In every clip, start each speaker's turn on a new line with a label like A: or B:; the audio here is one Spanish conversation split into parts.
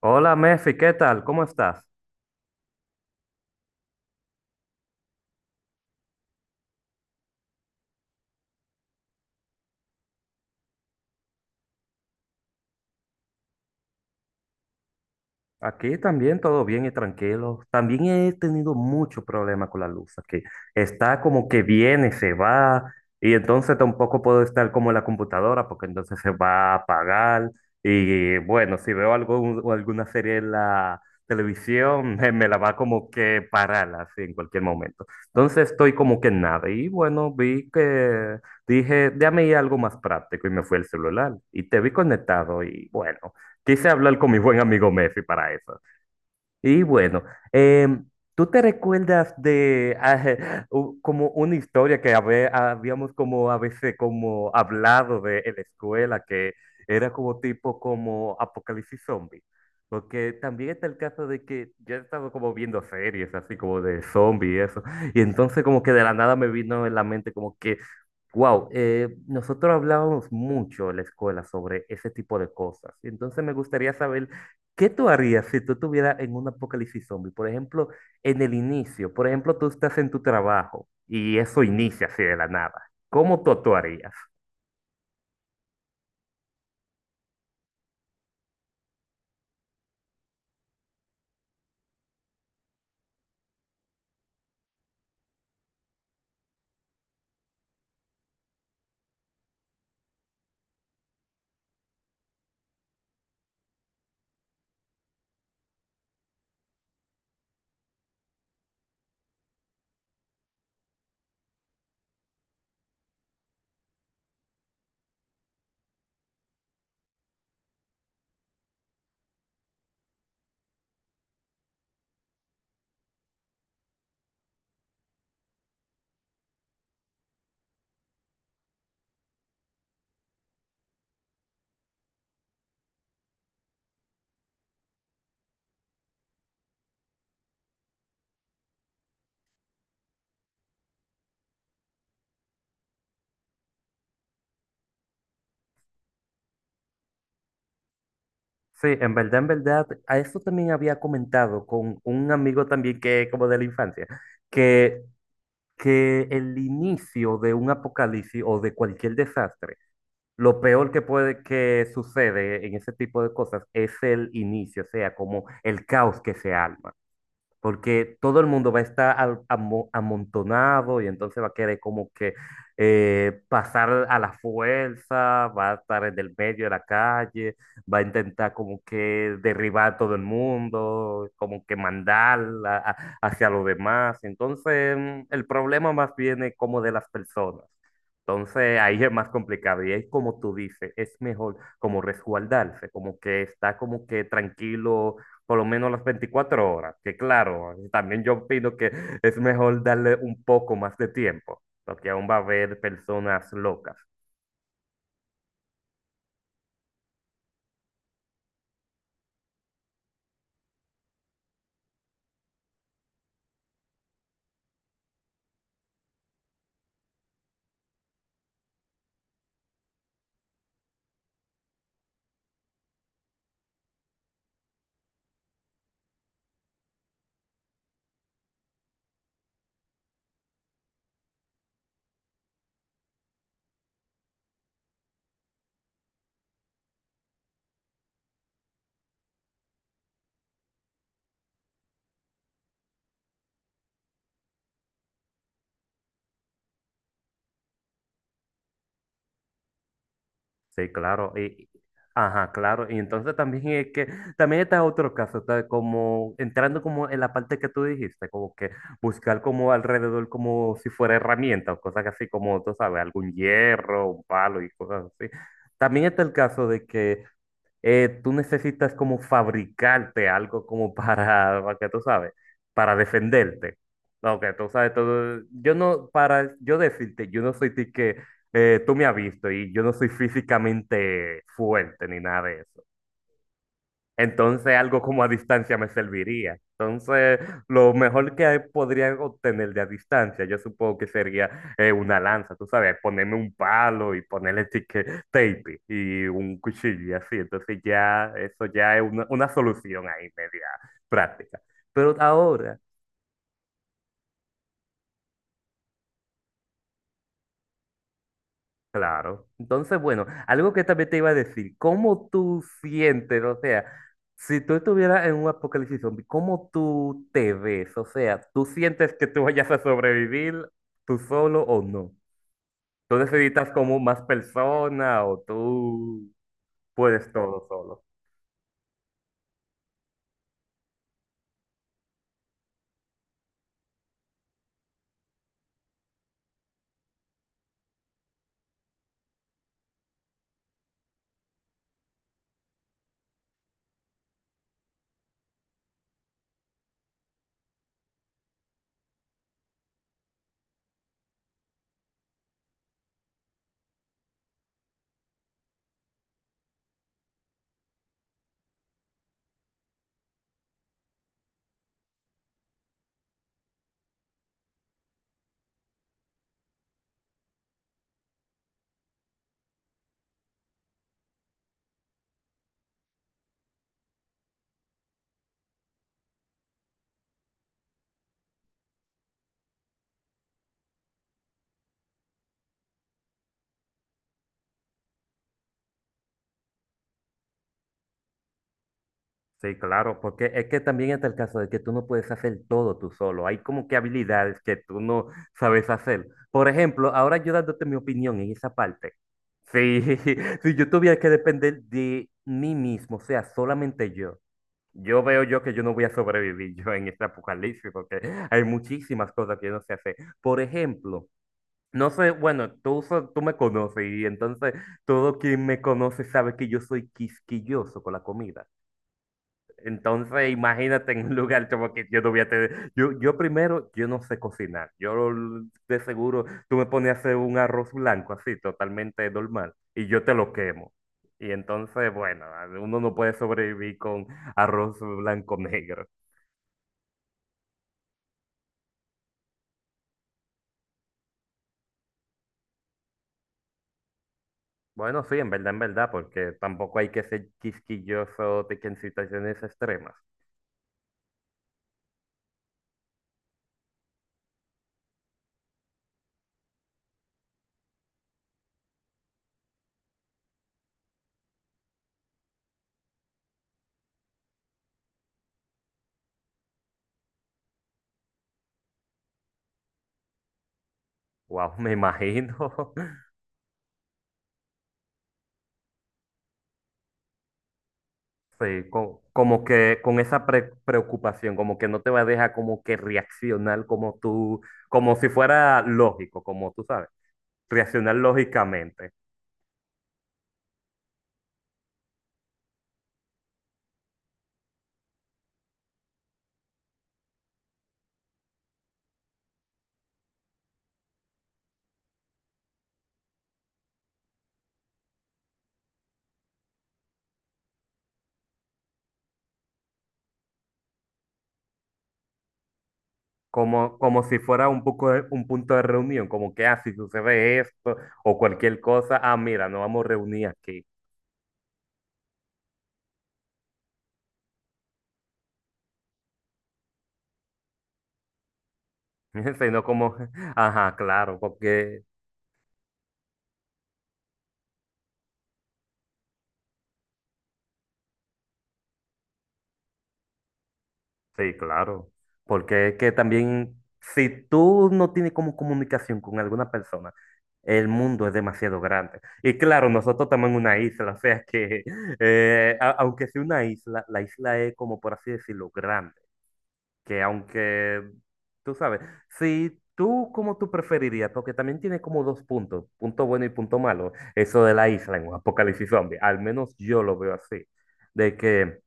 A: Hola Mefi, ¿qué tal? ¿Cómo estás? Aquí también todo bien y tranquilo. También he tenido mucho problema con la luz aquí. Está como que viene, se va, y entonces tampoco puedo estar como en la computadora porque entonces se va a apagar. Y bueno, si veo algo, o alguna serie en la televisión, me la va como que parar así en cualquier momento. Entonces estoy como que en nada. Y bueno, vi que dije, déjame ir a algo más práctico y me fue el celular y te vi conectado y bueno, quise hablar con mi buen amigo Mefi para eso. Y bueno, em, ¿tú te recuerdas de como una historia que habíamos como a veces como hablado de en la escuela que era como tipo como apocalipsis zombie? Porque también está el caso de que yo he estado como viendo series así como de zombie y eso, y entonces como que de la nada me vino en la mente como que, wow, nosotros hablábamos mucho en la escuela sobre ese tipo de cosas, y entonces me gustaría saber, ¿qué tú harías si tú estuvieras en un apocalipsis zombie? Por ejemplo, en el inicio, por ejemplo, tú estás en tu trabajo y eso inicia así de la nada. ¿Cómo tú actuarías? Sí, en verdad, a eso también había comentado con un amigo también que como de la infancia, que, que el inicio de un apocalipsis o de cualquier desastre, lo peor que puede que sucede en ese tipo de cosas es el inicio, o sea, como el caos que se arma, porque todo el mundo va a estar amontonado y entonces va a querer como que pasar a la fuerza, va a estar en el medio de la calle, va a intentar como que derribar a todo el mundo, como que mandar hacia los demás. Entonces el problema más viene como de las personas. Entonces ahí es más complicado y es como tú dices, es mejor como resguardarse, como que está como que tranquilo por lo menos las 24 horas, que claro, también yo opino que es mejor darle un poco más de tiempo, porque aún va a haber personas locas. Sí, claro, y, ajá, claro, y entonces también es que, también está otro caso, está como entrando como en la parte que tú dijiste, como que buscar como alrededor como si fuera herramienta o cosas así como, tú sabes, algún hierro, un palo y cosas así. También está el caso de que tú necesitas como fabricarte algo como para que tú sabes, para defenderte. No, que tú sabes todo. Yo no, para yo decirte, yo no soy ti que tú me has visto y yo no soy físicamente fuerte ni nada de eso. Entonces algo como a distancia me serviría. Entonces lo mejor que podría obtener de a distancia, yo supongo que sería una lanza, tú sabes, ponerme un palo y ponerle tape y un cuchillo y así. Entonces ya eso ya es una solución ahí media práctica. Pero ahora, claro. Entonces, bueno, algo que también te iba a decir, ¿cómo tú sientes? O sea, si tú estuvieras en un apocalipsis zombie, ¿cómo tú te ves? O sea, ¿tú sientes que tú vayas a sobrevivir tú solo o no? ¿Tú necesitas como más persona o tú puedes todo solo? Sí, claro, porque es que también está el caso de que tú no puedes hacer todo tú solo. Hay como que habilidades que tú no sabes hacer. Por ejemplo, ahora yo dándote mi opinión en esa parte. Sí, si yo tuviera que depender de mí mismo, o sea, solamente yo, yo veo yo que yo no voy a sobrevivir yo en este apocalipsis porque hay muchísimas cosas que yo no sé hacer. Por ejemplo, no sé, bueno, tú, tú me conoces y entonces todo quien me conoce sabe que yo soy quisquilloso con la comida. Entonces, imagínate en un lugar como que yo no voy a tener. Yo primero, yo no sé cocinar. Yo de seguro, tú me pones a hacer un arroz blanco así, totalmente normal, y yo te lo quemo. Y entonces, bueno, uno no puede sobrevivir con arroz blanco negro. Bueno, sí, en verdad, porque tampoco hay que ser quisquilloso de que en situaciones extremas. Wow, me imagino. Sí, como que con esa preocupación, como que no te va a dejar como que reaccionar como tú, como si fuera lógico, como tú sabes, reaccionar lógicamente, como, como si fuera un punto de reunión, como que, ah, si sucede esto o cualquier cosa, ah, mira, nos vamos a reunir aquí, sino como, ajá, claro, porque sí, claro. Porque es que también, si tú no tienes como comunicación con alguna persona, el mundo es demasiado grande. Y claro, nosotros estamos en una isla, o sea que, aunque sea una isla, la isla es como, por así decirlo, grande. Que aunque, tú sabes, si tú, como tú preferirías, porque también tiene como dos puntos, punto bueno y punto malo, eso de la isla en un apocalipsis zombie, al menos yo lo veo así, de que...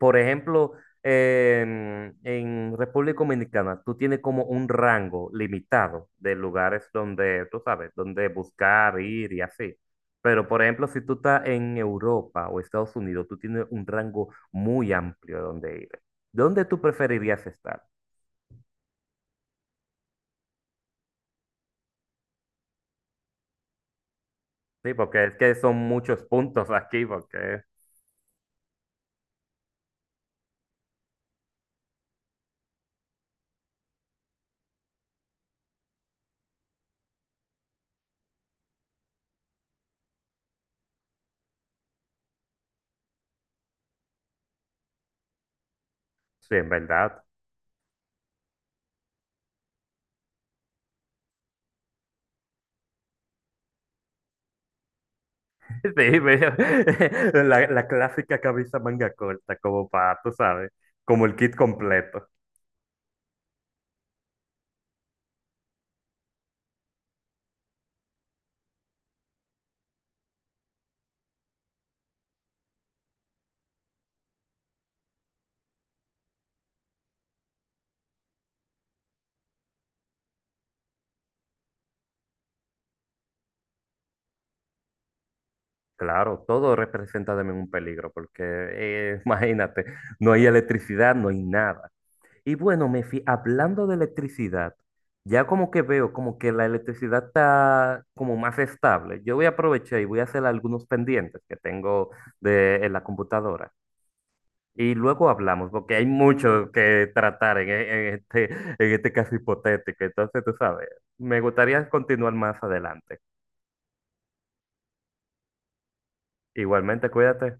A: Por ejemplo, en República Dominicana, tú tienes como un rango limitado de lugares donde, tú sabes, donde buscar, ir y así. Pero, por ejemplo, si tú estás en Europa o Estados Unidos, tú tienes un rango muy amplio donde ir. ¿Dónde tú preferirías estar? Sí, porque es que son muchos puntos aquí, porque sí, en verdad. Sí, veo la clásica camisa manga corta, como para, tú sabes, como el kit completo. Claro, todo representa también un peligro, porque imagínate, no hay electricidad, no hay nada. Y bueno, Mefi, hablando de electricidad, ya como que veo como que la electricidad está como más estable. Yo voy a aprovechar y voy a hacer algunos pendientes que tengo en la computadora. Y luego hablamos, porque hay mucho que tratar en este caso hipotético. Entonces, tú sabes, me gustaría continuar más adelante. Igualmente, cuídate.